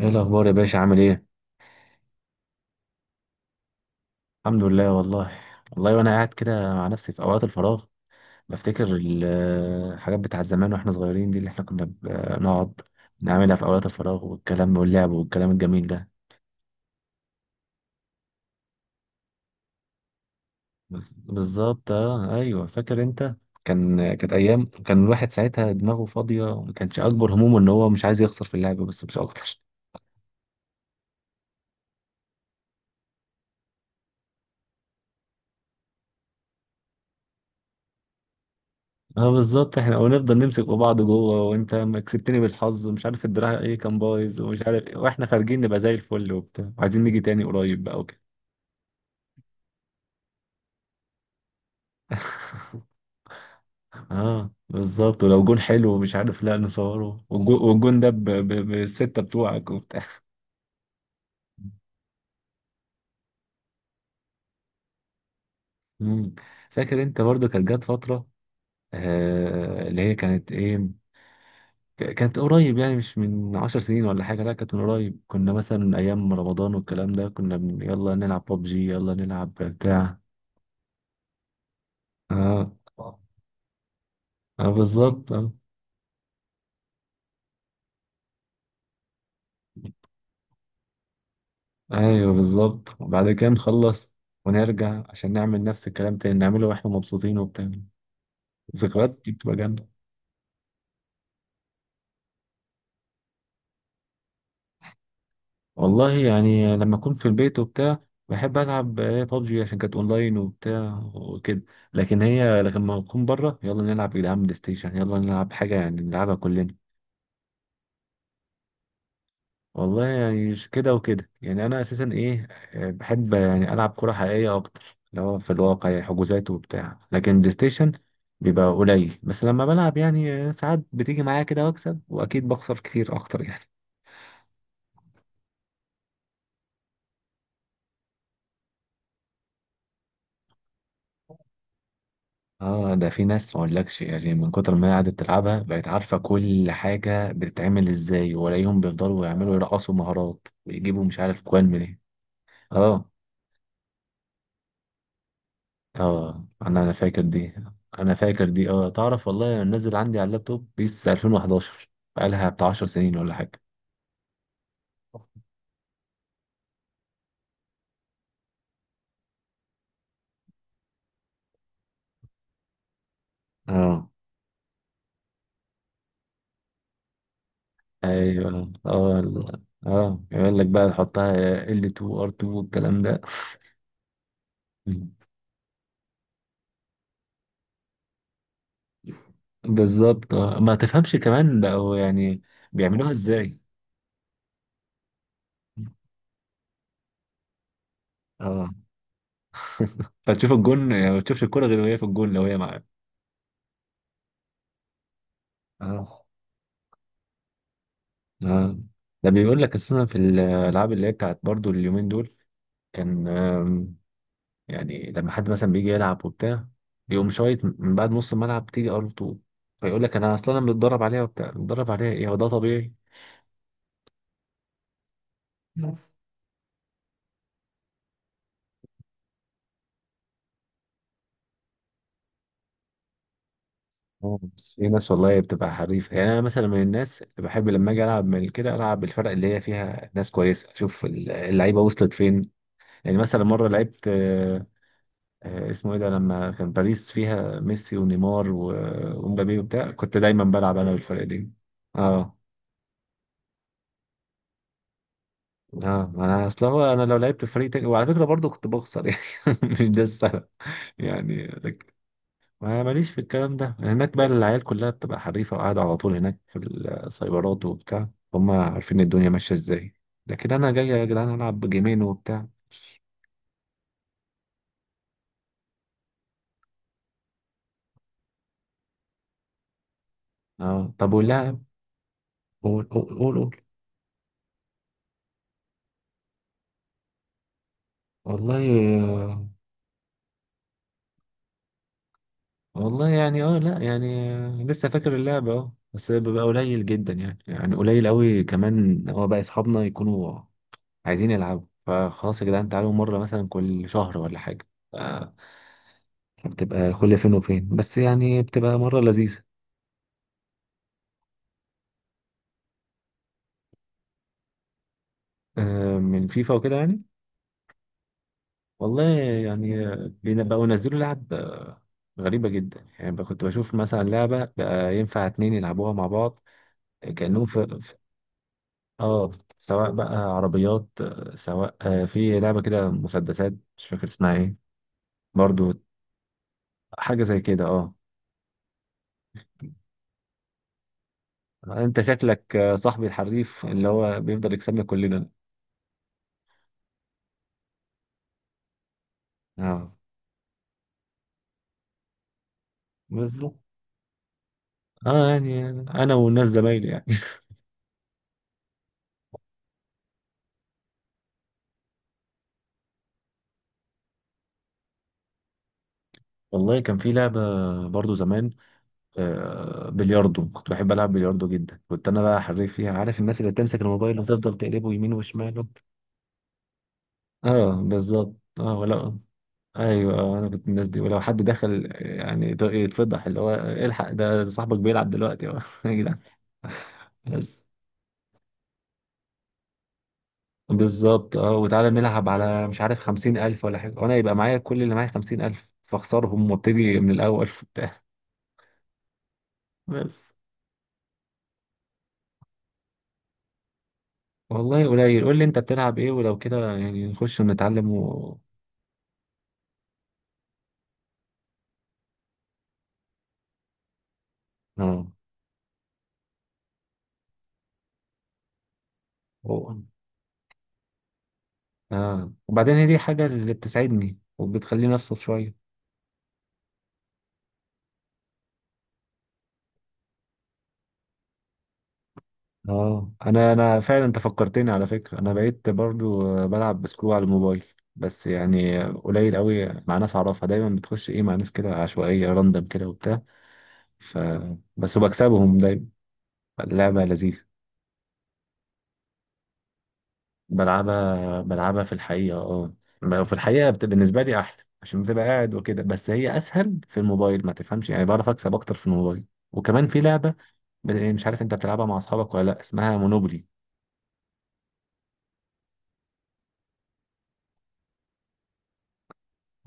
ايه الاخبار يا باشا، عامل ايه؟ الحمد لله والله. والله، وانا قاعد كده مع نفسي في اوقات الفراغ، بفتكر الحاجات بتاعت زمان واحنا صغيرين دي، اللي احنا كنا بنقعد نعملها في اوقات الفراغ، والكلام واللعب والكلام الجميل ده. بالظبط، اه، ايوه، فاكر انت. كانت ايام، كان الواحد ساعتها دماغه فاضيه وما كانش اكبر همومه ان هو مش عايز يخسر في اللعب، بس مش اكتر. اه، بالظبط، احنا ونفضل نمسك في بعض جوه، وانت ما كسبتني بالحظ ومش عارف الدراع ايه كان بايظ ومش عارف إيه، واحنا خارجين نبقى زي الفل وبتاع، وعايزين نيجي تاني قريب بقى وكده. اه، بالظبط، ولو جون حلو ومش عارف لا نصوره، والجون ده بالستة بتوعك وبتاع. مم. فاكر انت برضو كانت جت فترة، اللي هي كانت ايه، كانت قريب يعني مش من 10 سنين ولا حاجة، لا كانت من قريب، كنا مثلا ايام رمضان والكلام ده كنا يلا نلعب ببجي يلا نلعب بتاع. اه، بالظبط آه. ايوه بالظبط، وبعد كده نخلص ونرجع عشان نعمل نفس الكلام تاني نعمله واحنا مبسوطين وبتاع. ذكريات دي بتبقى جامدة. والله يعني لما اكون في البيت وبتاع بحب العب بابجي عشان كانت اونلاين وبتاع وكده، لكن لما اكون بره يلا نلعب يا جدعان بلاي ستيشن، يلا نلعب حاجة يعني نلعبها كلنا. والله يعني كده وكده، يعني انا اساسا ايه، بحب يعني العب كرة حقيقية اكتر اللي هو في الواقع يعني، حجوزات وبتاع، لكن بلاي ستيشن بيبقى قليل. بس لما بلعب يعني ساعات بتيجي معايا كده واكسب، واكيد بخسر كتير اكتر يعني. اه، ده في ناس ما اقولكش يعني، من كتر ما هي قعدت تلعبها بقت عارفة كل حاجة بتتعمل ازاي، والاقيهم بيفضلوا يعملوا يرقصوا مهارات ويجيبوا مش عارف كوان منين. اه، اه، انا فاكر دي. انا فاكر دي، اه، تعرف والله انا نزل عندي على اللابتوب بيس 2011، بقالها بتاع 10 سنين ولا حاجه. اه، ايوه، يقول لك بقى تحطها L2 R2 والكلام ده. مم. بالظبط آه. ما تفهمش كمان بقوا يعني بيعملوها ازاي. اه، فتشوف الجون يعني، ما تشوفش الكرة غير وهي في الجون لو هي معاه. اه، اه، ده بيقول لك السنة في الألعاب اللي هي بتاعت برضو اليومين دول، كان يعني لما حد مثلا بيجي يلعب وبتاع، يقوم شايط من بعد نص الملعب تيجي ار 2. فيقول لك انا اصلا متدرب عليها وبتاع، متدرب عليها، ايه هو ده طبيعي. مم. اه، بس في ناس والله بتبقى حريفة، يعني أنا مثلا من الناس اللي بحب لما أجي ألعب من كده ألعب بالفرق اللي هي فيها ناس كويسة، أشوف اللعيبة وصلت فين. يعني مثلا مرة لعبت، اسمه إيه ده، لما كان باريس فيها ميسي ونيمار ومبابي وبتاع، كنت دايما بلعب أنا بالفرق دي. أه، اه، انا اصل هو انا لو لعبت في فريق تاني، وعلى فكره برضو كنت بخسر يعني. مش ده السبب يعني لك. ما ماليش في الكلام ده، هناك بقى العيال كلها بتبقى حريفه وقاعده على طول هناك في السايبرات وبتاع، هم عارفين الدنيا ماشيه ازاي. لكن انا جاي يا جدعان العب جيمين وبتاع. اه، طب واللاعب، قول، قول، قول، قول. والله، آه، والله يعني، اه، لا يعني، لسه فاكر اللعبة، اه، بس بيبقى قليل جدا يعني، يعني قليل قوي، كمان هو بقى اصحابنا يكونوا عايزين يلعبوا فخلاص يا جدعان تعالوا مرة مثلا كل شهر ولا حاجة. آه، بتبقى كل فين وفين، بس يعني بتبقى مرة لذيذة. آه، من فيفا وكده يعني. والله يعني، بقوا ينزلوا لعب، غريبة جدا يعني، بقى كنت بشوف مثلا لعبة بقى ينفع اتنين يلعبوها مع بعض، آه، كأنهم في اه، سواء بقى عربيات، سواء في لعبة كده مسدسات مش فاكر اسمها ايه. برضو حاجة زي كده اه. انت شكلك صاحبي الحريف اللي هو بيفضل يكسبنا كلنا. اه، بالظبط اه، يعني انا والناس زمايلي يعني. والله كان في لعبة برضو زمان، آه، بلياردو، كنت بحب العب بلياردو جدا، كنت انا بقى حريف فيها، عارف الناس اللي بتمسك الموبايل وتفضل تقلبه يمين وشمال. اه، بالظبط، اه ولا، ايوه آه، انا كنت من الناس دي، ولو حد دخل يعني يتفضح، اللي هو الحق ده صاحبك بيلعب دلوقتي يا جدعان. بس بالظبط، اه، وتعالى نلعب على مش عارف 50,000 ولا حاجة، وأنا يبقى معايا كل اللي معايا 50,000، فأخسرهم وأبتدي من الأول. بس والله قليل، قول لي انت بتلعب ايه، ولو كده يعني نخش ونتعلم و، اه، و... اه وبعدين هي دي حاجة اللي بتسعدني وبتخليني افصل شوية. اه، انا فعلا انت فكرتني على فكرة، انا بقيت برضو بلعب بسكرو على الموبايل. بس يعني قليل قوي، مع ناس اعرفها دايما بتخش ايه مع ناس كده عشوائية راندم كده وبتاع، ف، بس وبكسبهم دايما. اللعبة لذيذة. بلعبها في الحقيقة اه. في الحقيقة بالنسبة لي أحلى، عشان بتبقى قاعد وكده، بس هي أسهل في الموبايل ما تفهمش يعني، بعرف أكسب أكتر في الموبايل. وكمان في لعبة، يعني مش عارف أنت بتلعبها مع أصحابك ولا لأ، اسمها مونوبولي.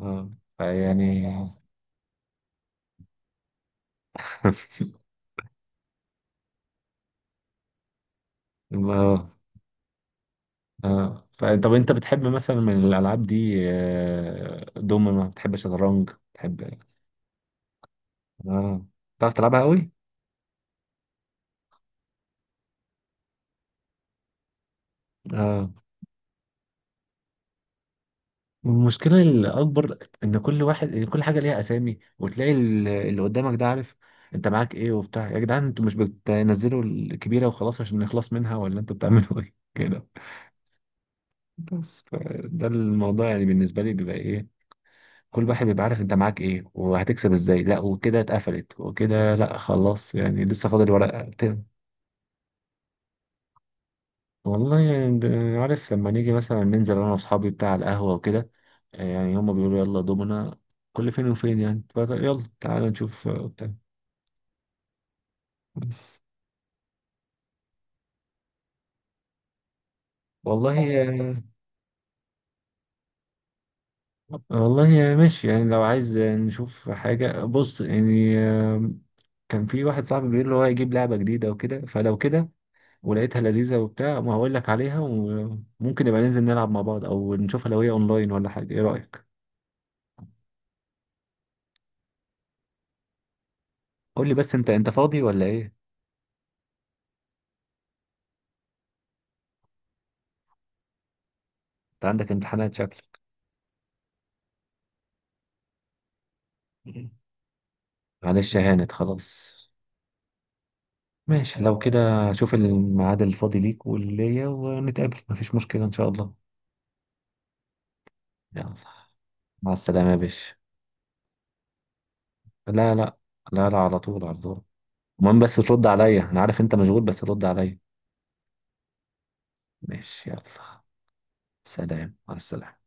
اه، فيعني. اه، اه، طب أنت بتحب مثلا من الألعاب دي، آه، دومنا؟ بتحب شطرنج؟ بتحب، اه، بتعرف تلعبها قوي؟ والمشكلة الأكبر إن كل واحد إن كل حاجة ليها أسامي، وتلاقي اللي قدامك ده عارف أنت معاك إيه وبتاع، يا جدعان أنتوا مش بتنزلوا الكبيرة وخلاص عشان نخلص منها، ولا أنتوا بتعملوا إيه كده؟ بس ده الموضوع يعني بالنسبة لي بيبقى إيه، كل واحد بيبقى عارف أنت معاك إيه وهتكسب إزاي، لا وكده اتقفلت وكده، لا خلاص يعني لسه فاضل ورقة. والله يعني، عارف لما نيجي مثلا ننزل انا واصحابي بتاع القهوة وكده، آه، يعني هما بيقولوا يلا دومنا كل فين وفين، يعني يلا تعالى نشوف آه، بتاع. بس والله والله ماشي، يعني لو عايز نشوف حاجة، بص يعني كان في واحد صاحبي بيقول لي هو هيجيب لعبة جديدة وكده، فلو كده ولقيتها لذيذة وبتاع ما هقول لك عليها، وممكن نبقى ننزل نلعب مع بعض او نشوفها لو هي اونلاين ولا حاجة، ايه رأيك؟ قول لي بس انت فاضي ولا ايه؟ انت عندك امتحانات شكل؟ معلش هانت خلاص، ماشي لو كده، شوف الميعاد الفاضي ليك واللي ليا ونتقابل، مفيش مشكلة إن شاء الله. يلا، مع السلامة يا باشا. لا لا، لا لا، على طول، على طول، المهم بس ترد عليا، أنا عارف أنت مشغول بس رد عليا. ماشي يلا، سلام، مع السلامة.